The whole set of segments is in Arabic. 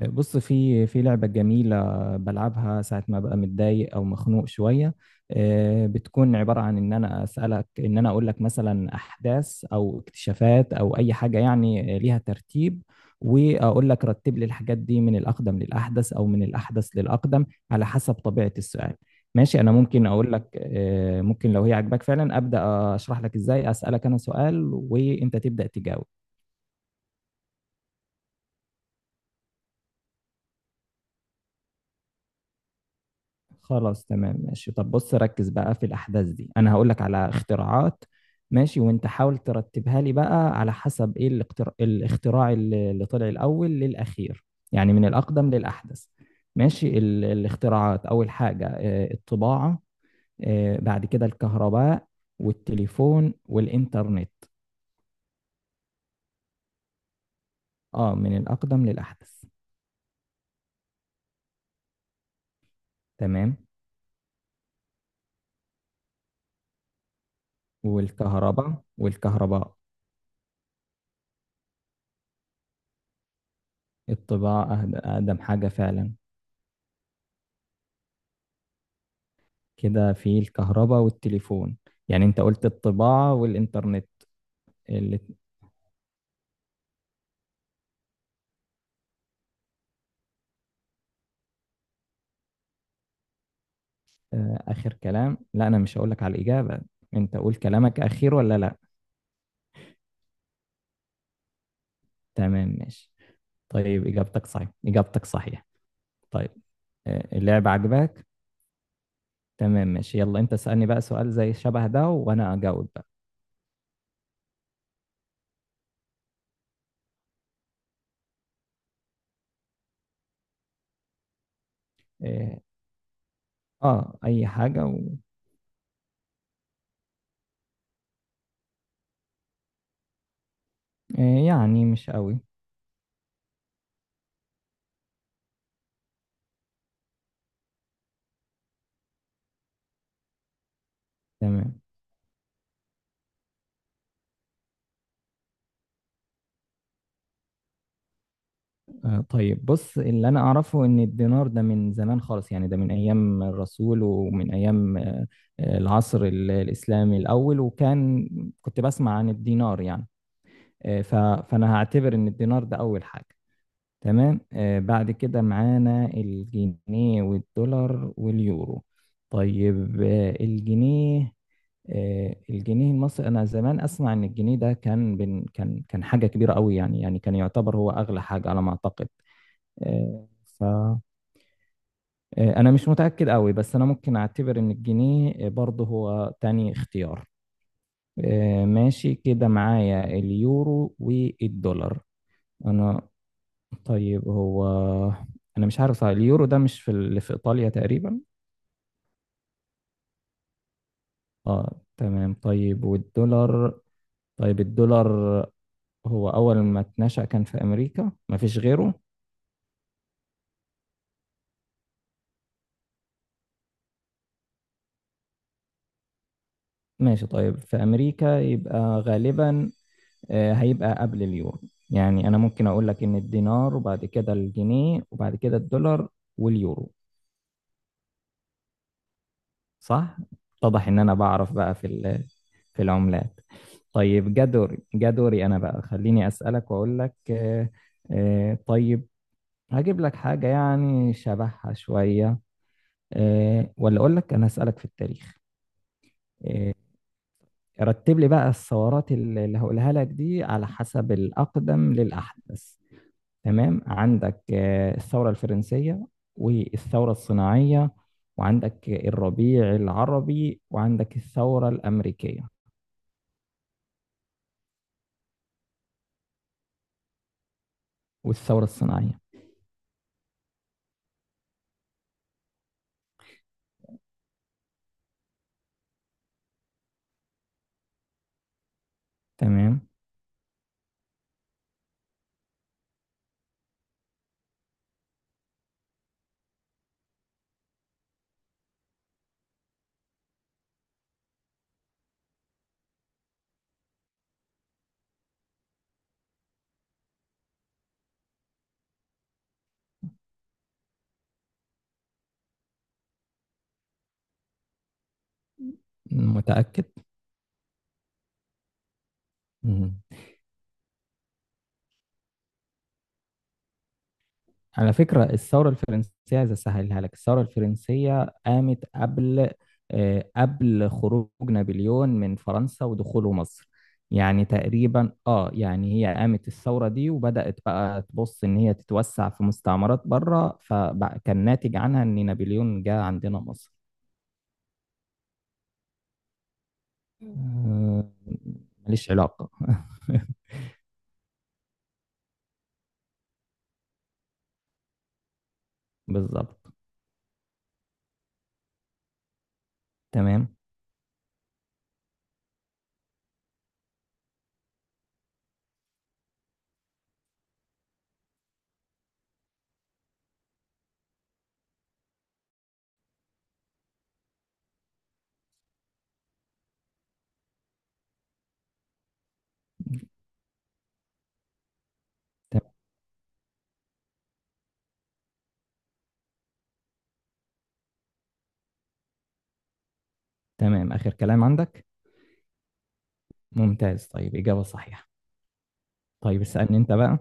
بص في لعبة جميلة بلعبها ساعة ما ببقى متضايق أو مخنوق شوية. بتكون عبارة عن إن أنا أسألك، إن أنا أقول لك مثلا أحداث أو اكتشافات أو أي حاجة يعني ليها ترتيب، وأقول لك رتب لي الحاجات دي من الأقدم للأحدث أو من الأحدث للأقدم على حسب طبيعة السؤال. ماشي، أنا ممكن أقول لك، ممكن لو هي عجباك فعلا أبدأ أشرح لك إزاي أسألك أنا سؤال وأنت تبدأ تجاوب. خلاص تمام ماشي، طب بص ركز بقى في الأحداث دي، أنا هقولك على اختراعات ماشي، وأنت حاول ترتبها لي بقى على حسب إيه الاختراع، الاختراع اللي طلع الأول للأخير، يعني من الأقدم للأحدث. ماشي، الاختراعات، أول حاجة الطباعة، بعد كده الكهرباء والتليفون والإنترنت. آه، من الأقدم للأحدث. تمام. والكهرباء. الطباعة أقدم حاجة فعلا. كده في الكهرباء والتليفون. يعني انت قلت الطباعة والإنترنت، اللي، آخر كلام. لا أنا مش هقولك على الإجابة، انت قول كلامك أخير ولا لا. تمام ماشي، طيب إجابتك إجابتك صحيحة. طيب، اللعبة عجباك. تمام ماشي، يلا انت اسألني بقى سؤال زي شبه ده وأنا أجاوب بقى. اه. أي حاجة يعني مش قوي. تمام. طيب بص، اللي انا اعرفه ان الدينار ده من زمان خالص، يعني ده من ايام الرسول ومن ايام، العصر الاسلامي الاول، وكان كنت بسمع عن الدينار يعني. آه، ف- فانا هعتبر ان الدينار ده اول حاجة. تمام، بعد كده معانا الجنيه والدولار واليورو. طيب، الجنيه، الجنيه المصري، انا زمان اسمع ان الجنيه ده كان بن كان كان حاجه كبيره قوي، يعني كان يعتبر هو اغلى حاجه على ما اعتقد. فأنا مش متأكد قوي، بس أنا ممكن أعتبر إن الجنيه برضه هو تاني اختيار. ماشي، كده معايا اليورو والدولار. أنا طيب هو أنا مش عارف صح، اليورو ده مش في اللي في إيطاليا تقريبا. آه تمام، طيب والدولار. طيب الدولار، هو أول ما اتنشأ كان في أمريكا مفيش غيره. ماشي، طيب في أمريكا يبقى غالبا، هيبقى قبل اليورو. يعني انا ممكن اقول لك ان الدينار وبعد كده الجنيه وبعد كده الدولار واليورو. صح. اتضح ان انا بعرف بقى في العملات. طيب، جدوري انا بقى خليني اسالك واقول لك، طيب هجيب لك حاجه يعني شبهها شويه، ولا اقول لك انا اسالك في التاريخ. رتب لي بقى الثورات اللي هقولها لك دي على حسب الاقدم للاحدث. تمام، عندك الثورة الفرنسية والثورة الصناعية، وعندك الربيع العربي، وعندك الثورة الأمريكية والثورة الصناعية. تمام. متأكد. مم. على فكرة الثورة الفرنسية عايز أسهلها لك، الثورة الفرنسية قامت قبل، قبل خروج نابليون من فرنسا ودخوله مصر. يعني تقريبا اه، يعني هي قامت الثورة دي وبدأت بقى تبص إن هي تتوسع في مستعمرات بره، فكان ناتج عنها إن نابليون جه عندنا مصر. مم. ماليش علاقة. بالظبط. تمام. ت- تمام آخر كلام عندك. ممتاز، طيب إجابة صحيحة. طيب اسألني أنت بقى.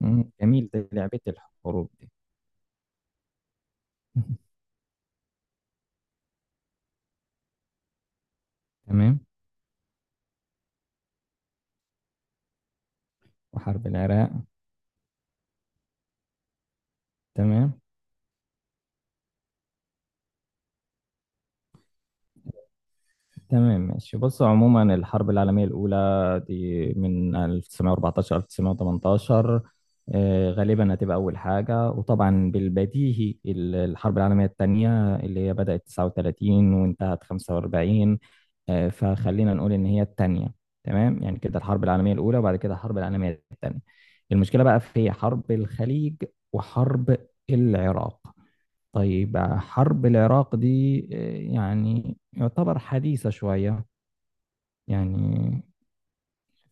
مم، جميل ده، لعبة الحروب دي. تمام. وحرب العراق. تمام. تمام ماشي بص، عموما الحرب العالمية الأولى دي من 1914 1918. غالبا هتبقى أول حاجة. وطبعا بالبديهي الحرب العالمية الثانية اللي هي بدأت 39 وانتهت 45، فخلينا نقول إن هي الثانية. تمام، يعني كده الحرب العالمية الأولى وبعد كده الحرب العالمية الثانية. المشكلة بقى في حرب الخليج وحرب العراق. طيب حرب العراق دي يعني يعتبر حديثة شوية يعني،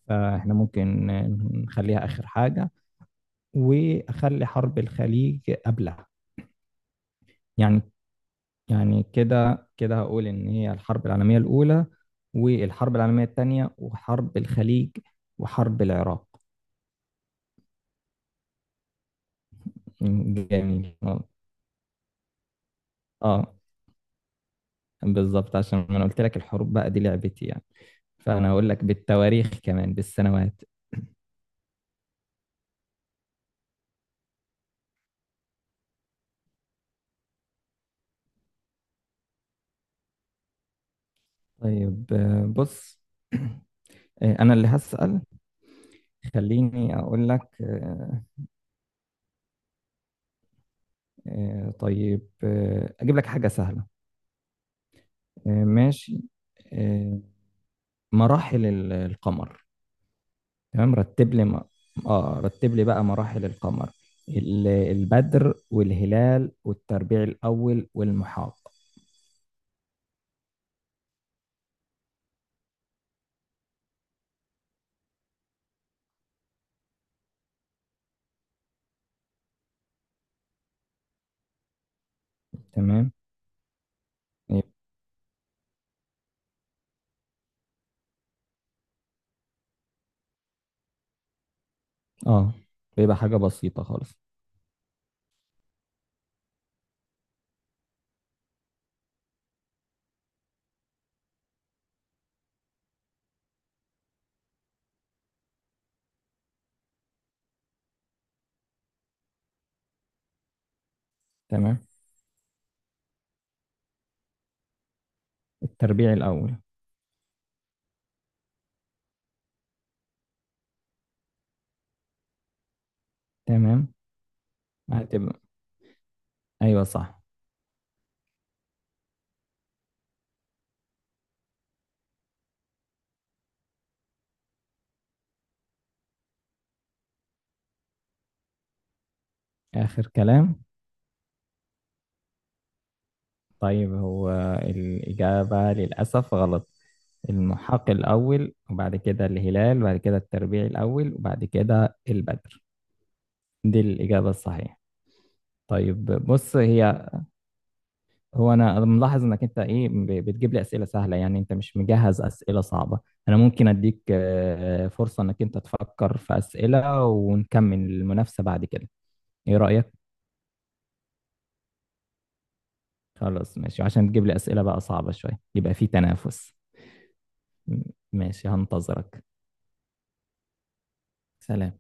فاحنا ممكن نخليها آخر حاجة وأخلي حرب الخليج قبلها يعني. يعني كده كده هقول إن هي الحرب العالمية الأولى والحرب العالمية الثانية وحرب الخليج وحرب العراق. جميل. اه، بالظبط، عشان انا قلت لك الحروب بقى دي لعبتي يعني، فأنا هقول لك بالتواريخ كمان بالسنوات. طيب، بص، أنا اللي هسأل. خليني أقول لك، طيب، أجيب لك حاجة سهلة. ماشي، آه، مراحل القمر. تمام، رتب لي بقى مراحل القمر، البدر والهلال والتربيع الأول والمحاق. تمام. يب- آه بيبقى حاجة بسيطة خالص. تمام. التربيع الأول. تمام. هتبقى أيوة صح. آخر كلام. طيب هو الإجابة للأسف غلط. المحاق الأول وبعد كده الهلال وبعد كده التربيع الأول وبعد كده البدر. دي الإجابة الصحيحة. طيب بص، هي هو أنا ملاحظ إنك أنت إيه بتجيب لي أسئلة سهلة، يعني أنت مش مجهز أسئلة صعبة. أنا ممكن أديك فرصة إنك أنت تفكر في أسئلة ونكمل المنافسة بعد كده. إيه رأيك؟ خلاص ماشي، وعشان تجيب لي أسئلة بقى صعبة شوية يبقى في تنافس. ماشي، هنتظرك. سلام.